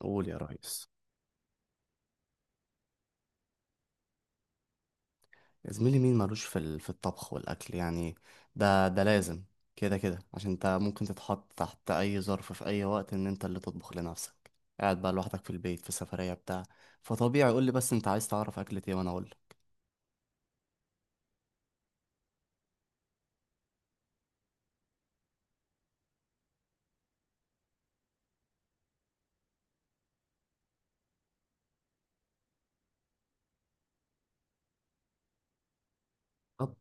قول يا ريس. يا زميلي مين مالوش في الطبخ والأكل يعني. ده لازم، كده كده، عشان انت ممكن تتحط تحت أي ظرف في أي وقت إن انت اللي تطبخ لنفسك، قاعد بقى لوحدك في البيت، في سفرية بتاع. فطبيعي، قول لي بس انت عايز تعرف أكلة ايه وأنا أقول. طب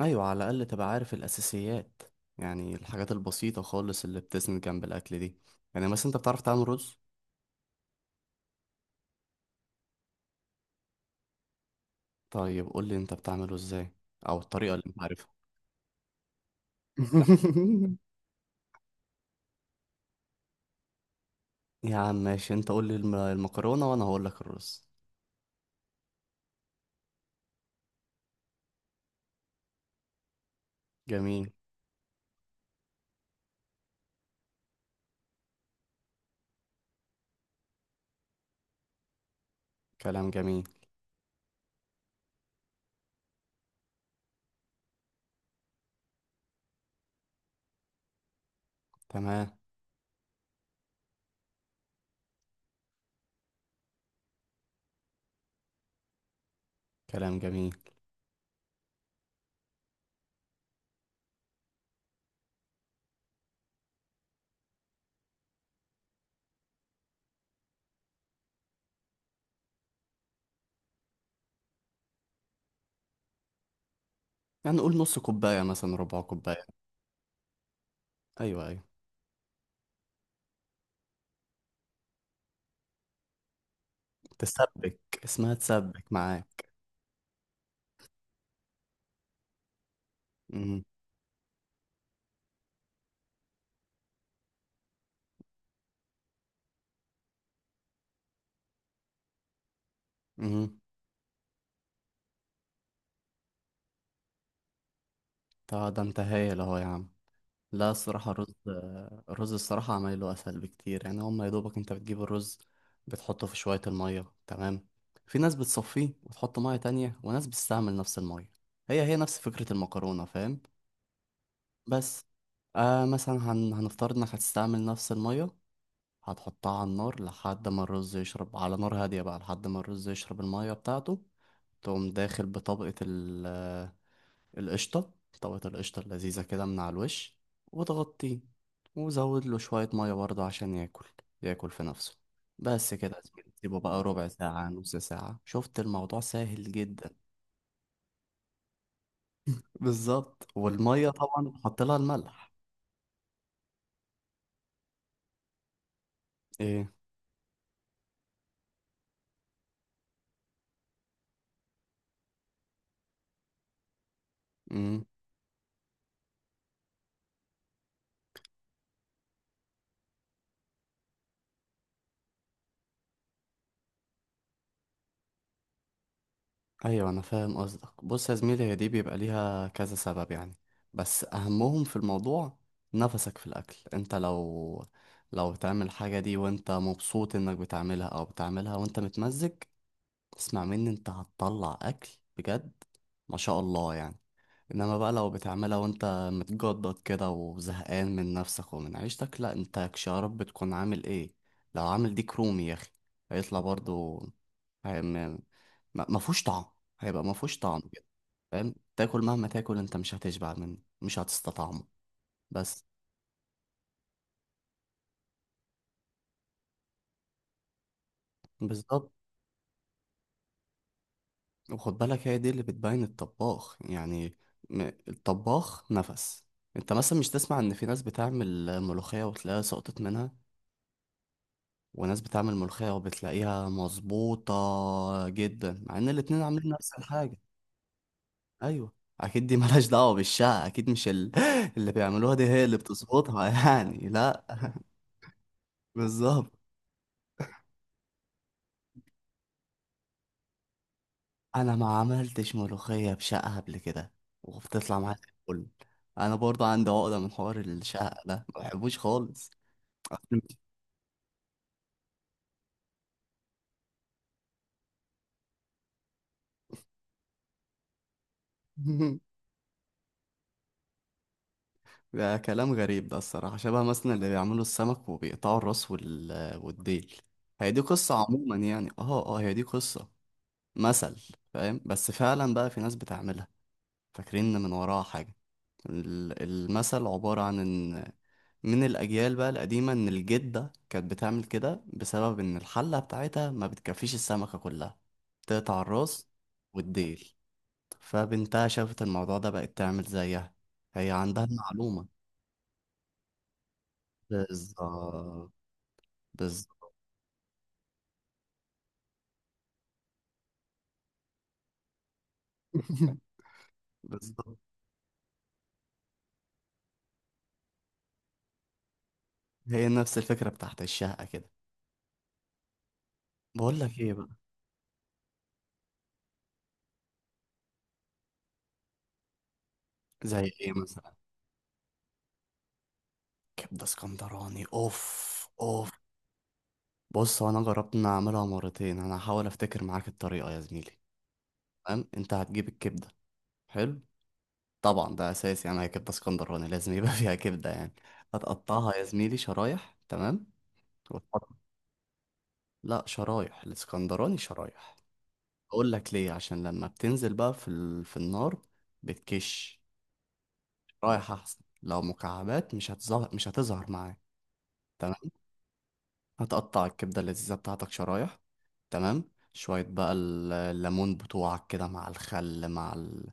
أيوة، على الأقل تبقى عارف الأساسيات، يعني الحاجات البسيطة خالص اللي بتسند جنب الأكل دي. يعني مثلا انت بتعرف تعمل رز؟ طيب قول لي انت بتعمله ازاي، أو الطريقة اللي انت عارفها. يا عم ماشي، انت قول لي المكرونة وانا هقول لك الرز. جميل. كلام جميل. تمام. كلام جميل. يعني قول نص كوباية، مثلا ربع كوباية. ايوه، ايوه. تسبك، اسمها تسبك معاك. امم. امم. طب ده انت هايل اهو يا عم. لا الصراحة الرز، الرز الصراحة عمايله اسهل بكتير، يعني هما يا دوبك انت بتجيب الرز، بتحطه في شوية المية، تمام. في ناس بتصفيه وتحط مية تانية، وناس بتستعمل نفس المية، هي هي نفس فكرة المكرونة، فاهم؟ بس آه، مثلا هنفترض انك هتستعمل نفس المية، هتحطها على النار لحد ما الرز يشرب، على نار هادية بقى، لحد ما الرز يشرب المية بتاعته. تقوم داخل بطبقة ال... آه، القشطة، طبقة القشطة اللذيذة كده من على الوش، وتغطيه، وزود له شوية مية برضه عشان ياكل، ياكل في نفسه. بس كده يا زميلي. سيبه بقى ربع ساعة، نص ساعة. شفت الموضوع سهل جدا؟ بالظبط، والمية طبعا بحط لها الملح. ايه؟ مم. ايوه انا فاهم قصدك. بص يا زميلي، هي دي بيبقى ليها كذا سبب يعني، بس اهمهم في الموضوع نفسك في الاكل. انت لو لو تعمل حاجه دي وانت مبسوط انك بتعملها، او بتعملها وانت متمزج، اسمع مني، انت هتطلع اكل بجد، ما شاء الله يعني. انما بقى لو بتعملها وانت متجدد كده وزهقان من نفسك ومن عيشتك، لا انت كشرب بتكون عامل ايه؟ لو عامل ديك رومي يا اخي هيطلع برضو هي- ما ما فيهوش طعم، هيبقى ما فيهوش طعم كده. فاهم؟ تاكل، مهما تاكل انت مش هتشبع منه، مش هتستطعمه. بس بالظبط. وخد بالك، هي دي اللي بتبين الطباخ يعني، الطباخ نفس. انت مثلا مش تسمع ان في ناس بتعمل ملوخية وتلاقيها سقطت منها، وناس بتعمل ملوخية وبتلاقيها مظبوطة جدا، مع ان الاتنين عاملين نفس الحاجة؟ ايوه. اكيد دي ملهاش دعوة بالشقة، اكيد مش ال... اللي بيعملوها دي هي اللي بتظبطها، يعني لا. بالظبط. انا ما عملتش ملوخية بشقة قبل كده، وبتطلع معايا زي الفل. انا برضه عندي عقدة من حوار الشقة ده، ما بحبوش خالص. ده كلام غريب ده الصراحة، شبه مثلا اللي بيعملوا السمك وبيقطعوا الراس والديل. هي دي قصة عموما يعني. اه اه، هي دي قصة مثل، فاهم؟ بس فعلا بقى في ناس بتعملها فاكرين إن من وراها حاجة. المثل عبارة عن ان من الأجيال بقى القديمة ان الجدة كانت بتعمل كده بسبب ان الحلة بتاعتها ما بتكفيش السمكة كلها، بتقطع الراس والديل، فبنتها شافت الموضوع ده بقت تعمل زيها، هي عندها المعلومة. بالظبط. بالظبط. بالظبط. هي نفس الفكرة بتاعت الشقة كده. بقول لك ايه بقى. زي ايه مثلا؟ كبدة اسكندراني، اوف اوف. بص هو انا جربت ان اعملها مرتين، انا هحاول افتكر معاك الطريقة يا زميلي. تمام، انت هتجيب الكبدة. حلو. طبعا ده اساسي يعني، هي كبدة اسكندراني لازم يبقى فيها كبدة يعني. هتقطعها يا زميلي شرايح، تمام. وتحط، لا شرايح، الاسكندراني شرايح. اقول لك ليه، عشان لما بتنزل بقى في النار بتكش، رايح احسن. لو مكعبات مش هتظهر، مش هتظهر معاك. تمام. هتقطع الكبده اللذيذه بتاعتك شرايح، تمام. شويه بقى الليمون بتوعك كده، مع الخل، مع ال...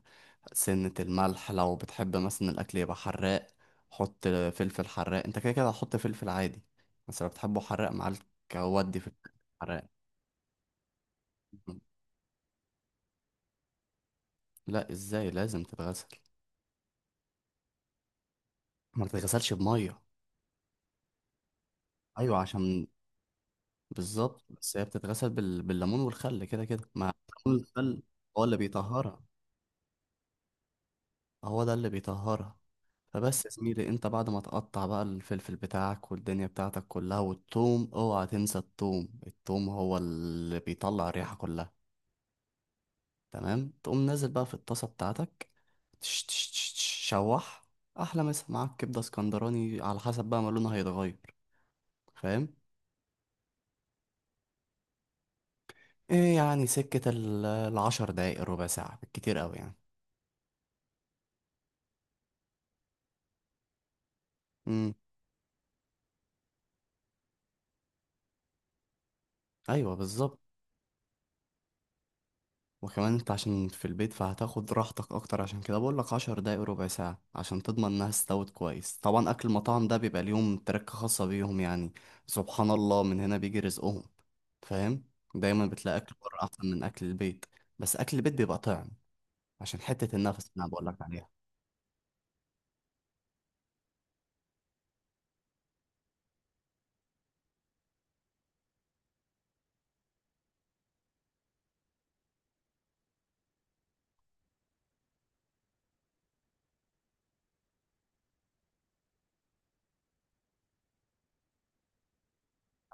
سنه الملح. لو بتحب مثلا الاكل يبقى حراق، حط فلفل حراق. انت كده كده هتحط فلفل عادي، بس لو بتحبه حراق معاك ودي فلفل حراق. لا ازاي، لازم تتغسل. ما تتغسلش بميه؟ ايوه عشان. بالظبط، بس هي بتتغسل بالليمون والخل كده كده، مع الليمون والخل، هو اللي بيطهرها، هو ده اللي بيطهرها. فبس يا زميلي، انت بعد ما تقطع بقى الفلفل بتاعك والدنيا بتاعتك كلها، والثوم، اوعى تنسى الثوم، الثوم هو اللي بيطلع الريحة كلها، تمام. تقوم نازل بقى في الطاسة بتاعتك، تش تش تش تش، شوح، احلى مسا معاك كبدة اسكندراني، على حسب بقى ما لونها هيتغير. فاهم؟ ايه يعني، سكة العشر دقايق، ربع ساعة بالكتير قوي يعني. ايوه بالظبط. وكمان انت عشان في البيت فهتاخد راحتك اكتر، عشان كده بقول لك 10 دقايق ربع ساعه عشان تضمن انها استوت كويس. طبعا اكل المطاعم ده بيبقى ليهم تركه خاصه بيهم يعني، سبحان الله من هنا بيجي رزقهم. فاهم؟ دايما بتلاقي اكل بره احسن من اكل البيت، بس اكل البيت بيبقى طعم، عشان حته النفس اللي انا بقول لك عليها.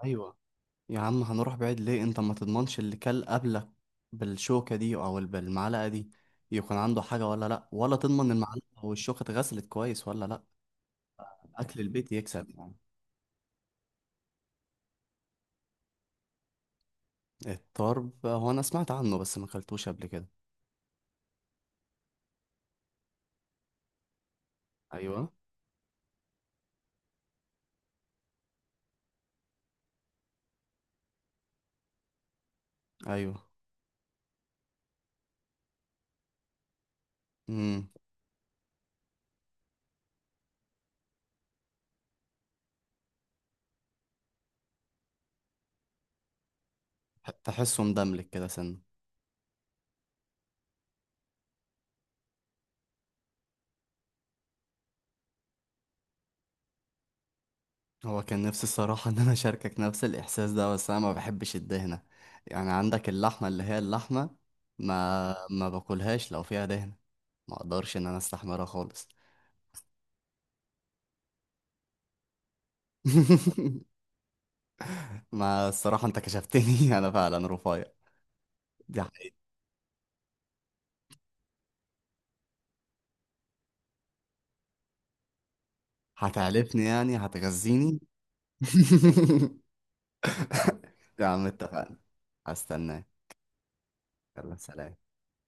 ايوه. يا عم هنروح بعيد ليه، انت ما تضمنش اللي كل قبلك بالشوكه دي او بالمعلقه دي، يكون عنده حاجه ولا لا، ولا تضمن المعلقه والشوكه اتغسلت كويس ولا لا. اكل البيت يكسب يعني. الطرب، هو انا سمعت عنه بس ما اكلتوش قبل كده. ايوه، ايوه. امم. تحسه مدملك كده سنه. هو كان نفسي الصراحه ان انا اشاركك نفس الاحساس ده، بس انا ما بحبش الدهنه، يعني عندك اللحمه اللي هي اللحمه، ما باكلهاش لو فيها دهنه، ما اقدرش ان انا استحملها خالص. ما الصراحه انت كشفتني، انا فعلا رفيع. دي حقيقة. هتعلفني يعني هتغذيني. يا عم اتفقنا، هستناك. يلا سلام.